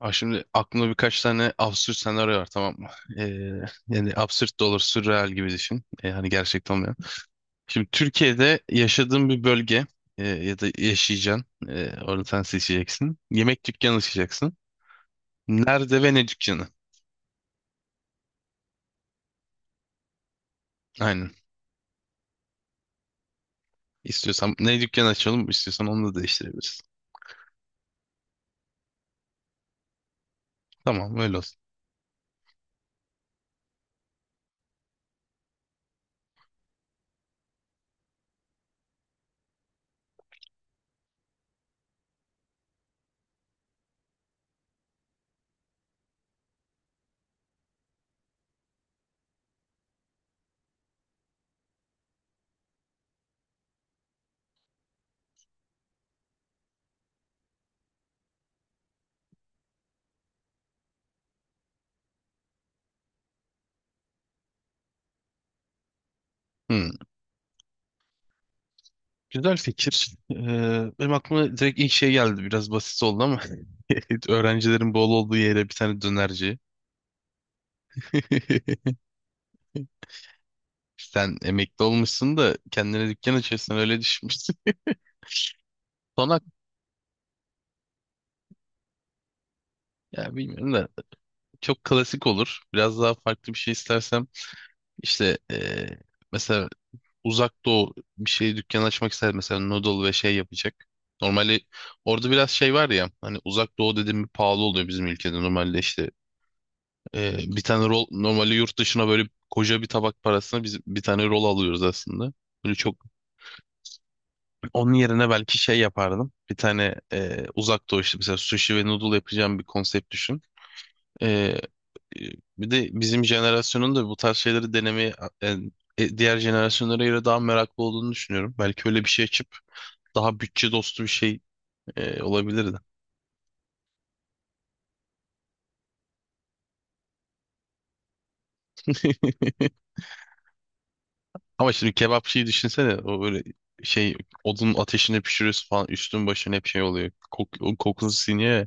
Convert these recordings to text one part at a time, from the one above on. Abi şimdi aklımda birkaç tane absürt senaryo var tamam mı? Ee, Yani absürt de olur, sürreal gibi düşün. Hani gerçekten olmayan. Şimdi Türkiye'de yaşadığın bir bölge ya da yaşayacaksın. Orada sen seçeceksin. Yemek dükkanı açacaksın. Nerede ve ne dükkanı? Aynen. İstiyorsan ne dükkanı açalım, istiyorsan onu da değiştirebiliriz. Tamam, öyle olsun. Hmm, Güzel fikir. Benim aklıma direkt ilk şey geldi. Biraz basit oldu ama öğrencilerin bol olduğu yere bir tane dönerci. Sen emekli olmuşsun da kendine dükkan açıyorsun öyle düşünmüşsün. Konak ya bilmiyorum da çok klasik olur. Biraz daha farklı bir şey istersem işte mesela uzak doğu bir şey dükkan açmak ister mesela noodle ve şey yapacak. Normalde orada biraz şey var ya hani uzak doğu dediğim bir pahalı oluyor bizim ülkede normalde işte bir tane rol normalde yurt dışına böyle koca bir tabak parasına biz bir tane rol alıyoruz aslında. Böyle çok onun yerine belki şey yapardım. Bir tane uzak doğu işte mesela sushi ve noodle yapacağım bir konsept düşün. E, e, bir de bizim jenerasyonun da bu tarz şeyleri denemeye e, diğer jenerasyonlara göre daha meraklı olduğunu düşünüyorum. Belki öyle bir şey açıp daha bütçe dostu bir şey olabilirdi. Ama şimdi kebapçıyı düşünsene o böyle şey odun ateşinde pişiriyorsun falan üstün başın hep şey oluyor. Kok, o kokusu siniyor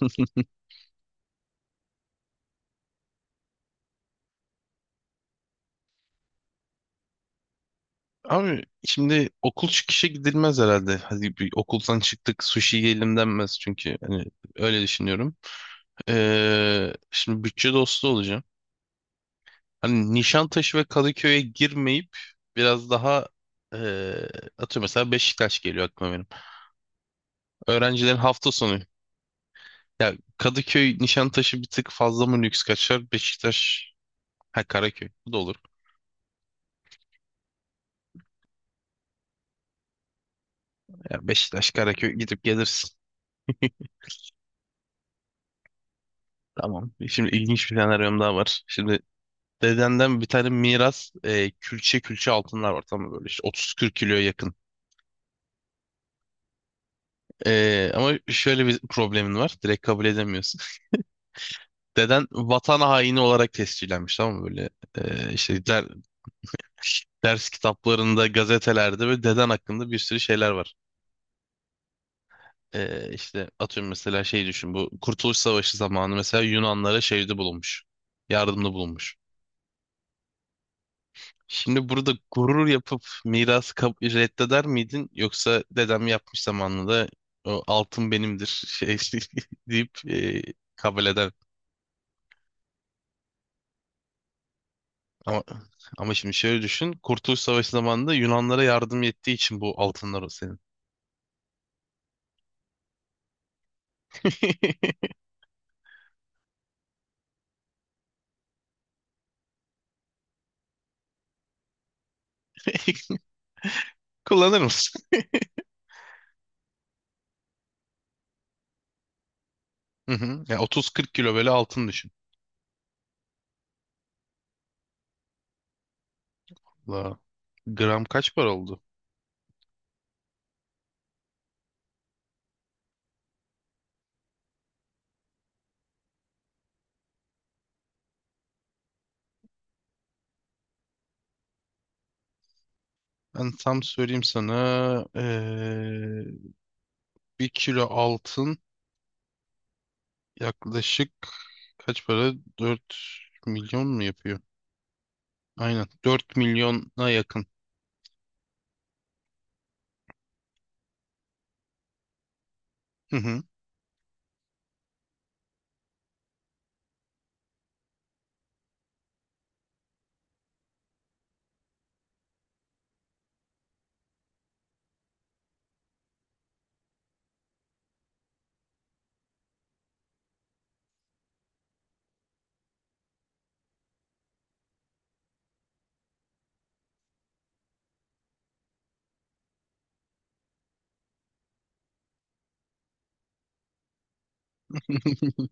ya. Abi şimdi okul çıkışı gidilmez herhalde. Hadi bir okuldan çıktık sushi yiyelim denmez çünkü hani öyle düşünüyorum. Şimdi bütçe dostu olacağım. Hani Nişantaşı ve Kadıköy'e girmeyip biraz daha ee, atıyorum mesela Beşiktaş geliyor aklıma benim. Öğrencilerin hafta sonu. Ya Kadıköy Nişantaşı bir tık fazla mı lüks kaçar? Beşiktaş. Ha, Karaköy. Bu da olur. Ya Beşiktaş Karaköy gidip gelirsin. Tamam. Şimdi ilginç bir senaryom daha var. Şimdi dedemden bir tane miras külçe külçe altınlar var tamam mı, böyle işte 30-40 kiloya yakın. Ama şöyle bir problemin var. Direkt kabul edemiyorsun. Deden vatan haini olarak tescillenmiş tamam mı, böyle işte ders kitaplarında, gazetelerde böyle deden hakkında bir sürü şeyler var. E, işte atıyorum mesela şey düşün, bu Kurtuluş Savaşı zamanı mesela Yunanlara şeyde bulunmuş. Yardımda bulunmuş. Şimdi burada gurur yapıp mirası reddeder miydin? Yoksa dedem yapmış zamanında o altın benimdir şey deyip kabul eder. Ama, ama şimdi şöyle düşün. Kurtuluş Savaşı zamanında Yunanlara yardım ettiği için bu altınlar o senin. Kullanır mısın? Hı hı. Ya 30-40 kilo böyle altın düşün. La, gram kaç para oldu? Ben tam söyleyeyim sana. 1 kilo altın yaklaşık kaç para? 4 milyon mu yapıyor? Aynen. 4 milyona yakın. Hı hı.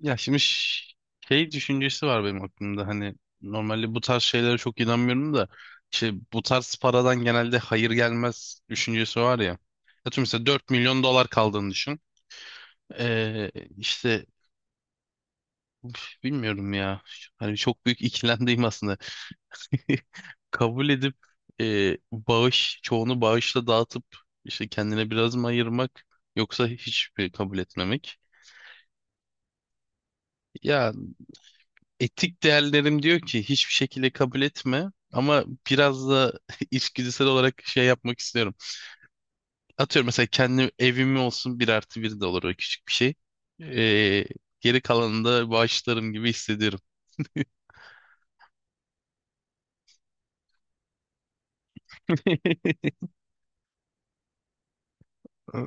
Ya şimdi şey düşüncesi var benim aklımda, hani normalde bu tarz şeylere çok inanmıyorum da işte bu tarz paradan genelde hayır gelmez düşüncesi var ya. Atıyorum mesela 4 milyon dolar kaldığını düşün. Ee, işte uf, bilmiyorum ya. Hani çok büyük ikilemdeyim aslında. Kabul edip bağış, çoğunu bağışla dağıtıp işte kendine biraz mı ayırmak, yoksa hiç mi kabul etmemek? Ya etik değerlerim diyor ki hiçbir şekilde kabul etme, ama biraz da içgüdüsel olarak şey yapmak istiyorum. Atıyorum mesela kendi evimi olsun, bir artı bir de olur o küçük bir şey. E, geri kalanını da bağışlarım gibi hissediyorum. Ee,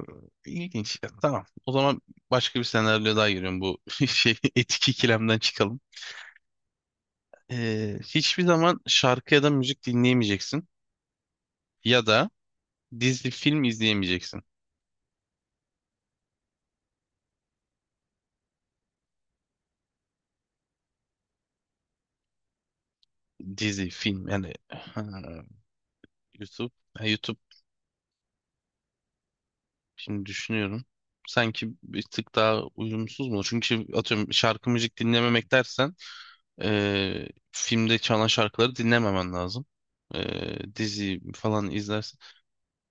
İlginç. Tamam. O zaman başka bir senaryo daha giriyorum, bu şey etik ikilemden çıkalım. Hiçbir zaman şarkı ya da müzik dinleyemeyeceksin. Ya da dizi film izleyemeyeceksin. Dizi film yani YouTube. Ha, YouTube şimdi düşünüyorum. Sanki bir tık daha uyumsuz mu? Çünkü atıyorum şarkı müzik dinlememek dersen filmde çalan şarkıları dinlememen lazım. Dizi falan izlersin.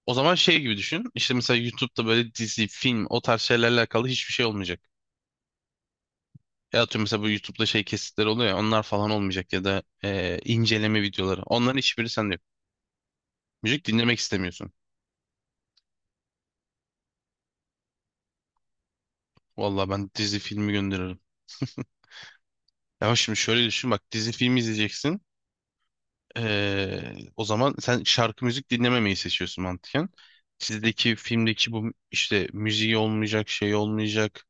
O zaman şey gibi düşün. İşte mesela YouTube'da böyle dizi, film, o tarz şeylerle alakalı hiçbir şey olmayacak. Ya atıyorum mesela bu YouTube'da şey, kesitler oluyor ya, onlar falan olmayacak ya da inceleme videoları. Onların hiçbiri sende yok. Müzik dinlemek istemiyorsun. Vallahi ben dizi filmi gönderirim. Ya şimdi şöyle düşün bak, dizi filmi izleyeceksin. O zaman sen şarkı müzik dinlememeyi seçiyorsun mantıken. Dizideki, filmdeki bu işte müziği olmayacak, şey olmayacak.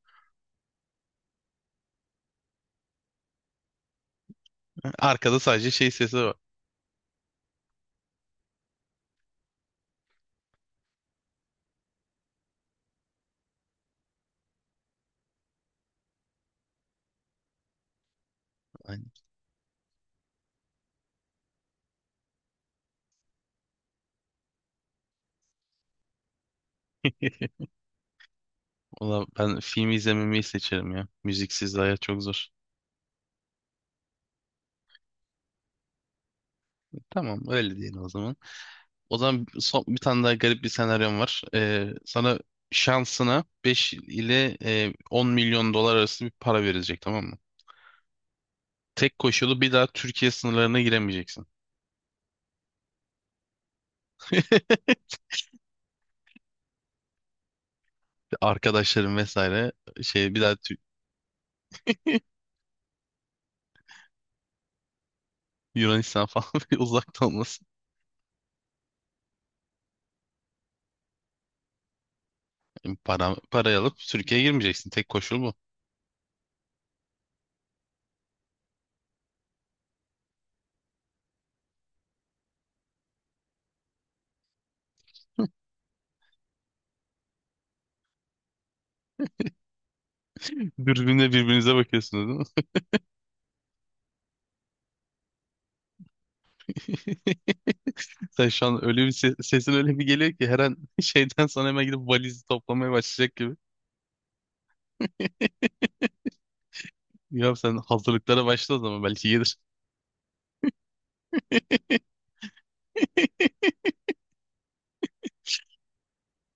Arkada sadece şey sesi var. Yani, valla ben film izlememeyi seçerim ya. Müziksiz hayat çok zor. Tamam, öyle diyelim o zaman. O zaman son, bir tane daha garip bir senaryom var. Sana şansına 5 ile 10 milyon dolar arası bir para verilecek, tamam mı? Tek koşulu, bir daha Türkiye sınırlarına giremeyeceksin. Arkadaşların vesaire şey, bir daha Yunanistan falan uzakta olmasın. Parayı alıp Türkiye'ye girmeyeceksin. Tek koşul bu. Dürbünle birbirinize bakıyorsunuz değil mi? Sen şu an öyle bir sesin öyle bir geliyor ki, her an şeyden sonra hemen gidip valizi toplamaya başlayacak gibi. Ya sen hazırlıklara başla, o zaman belki gelir.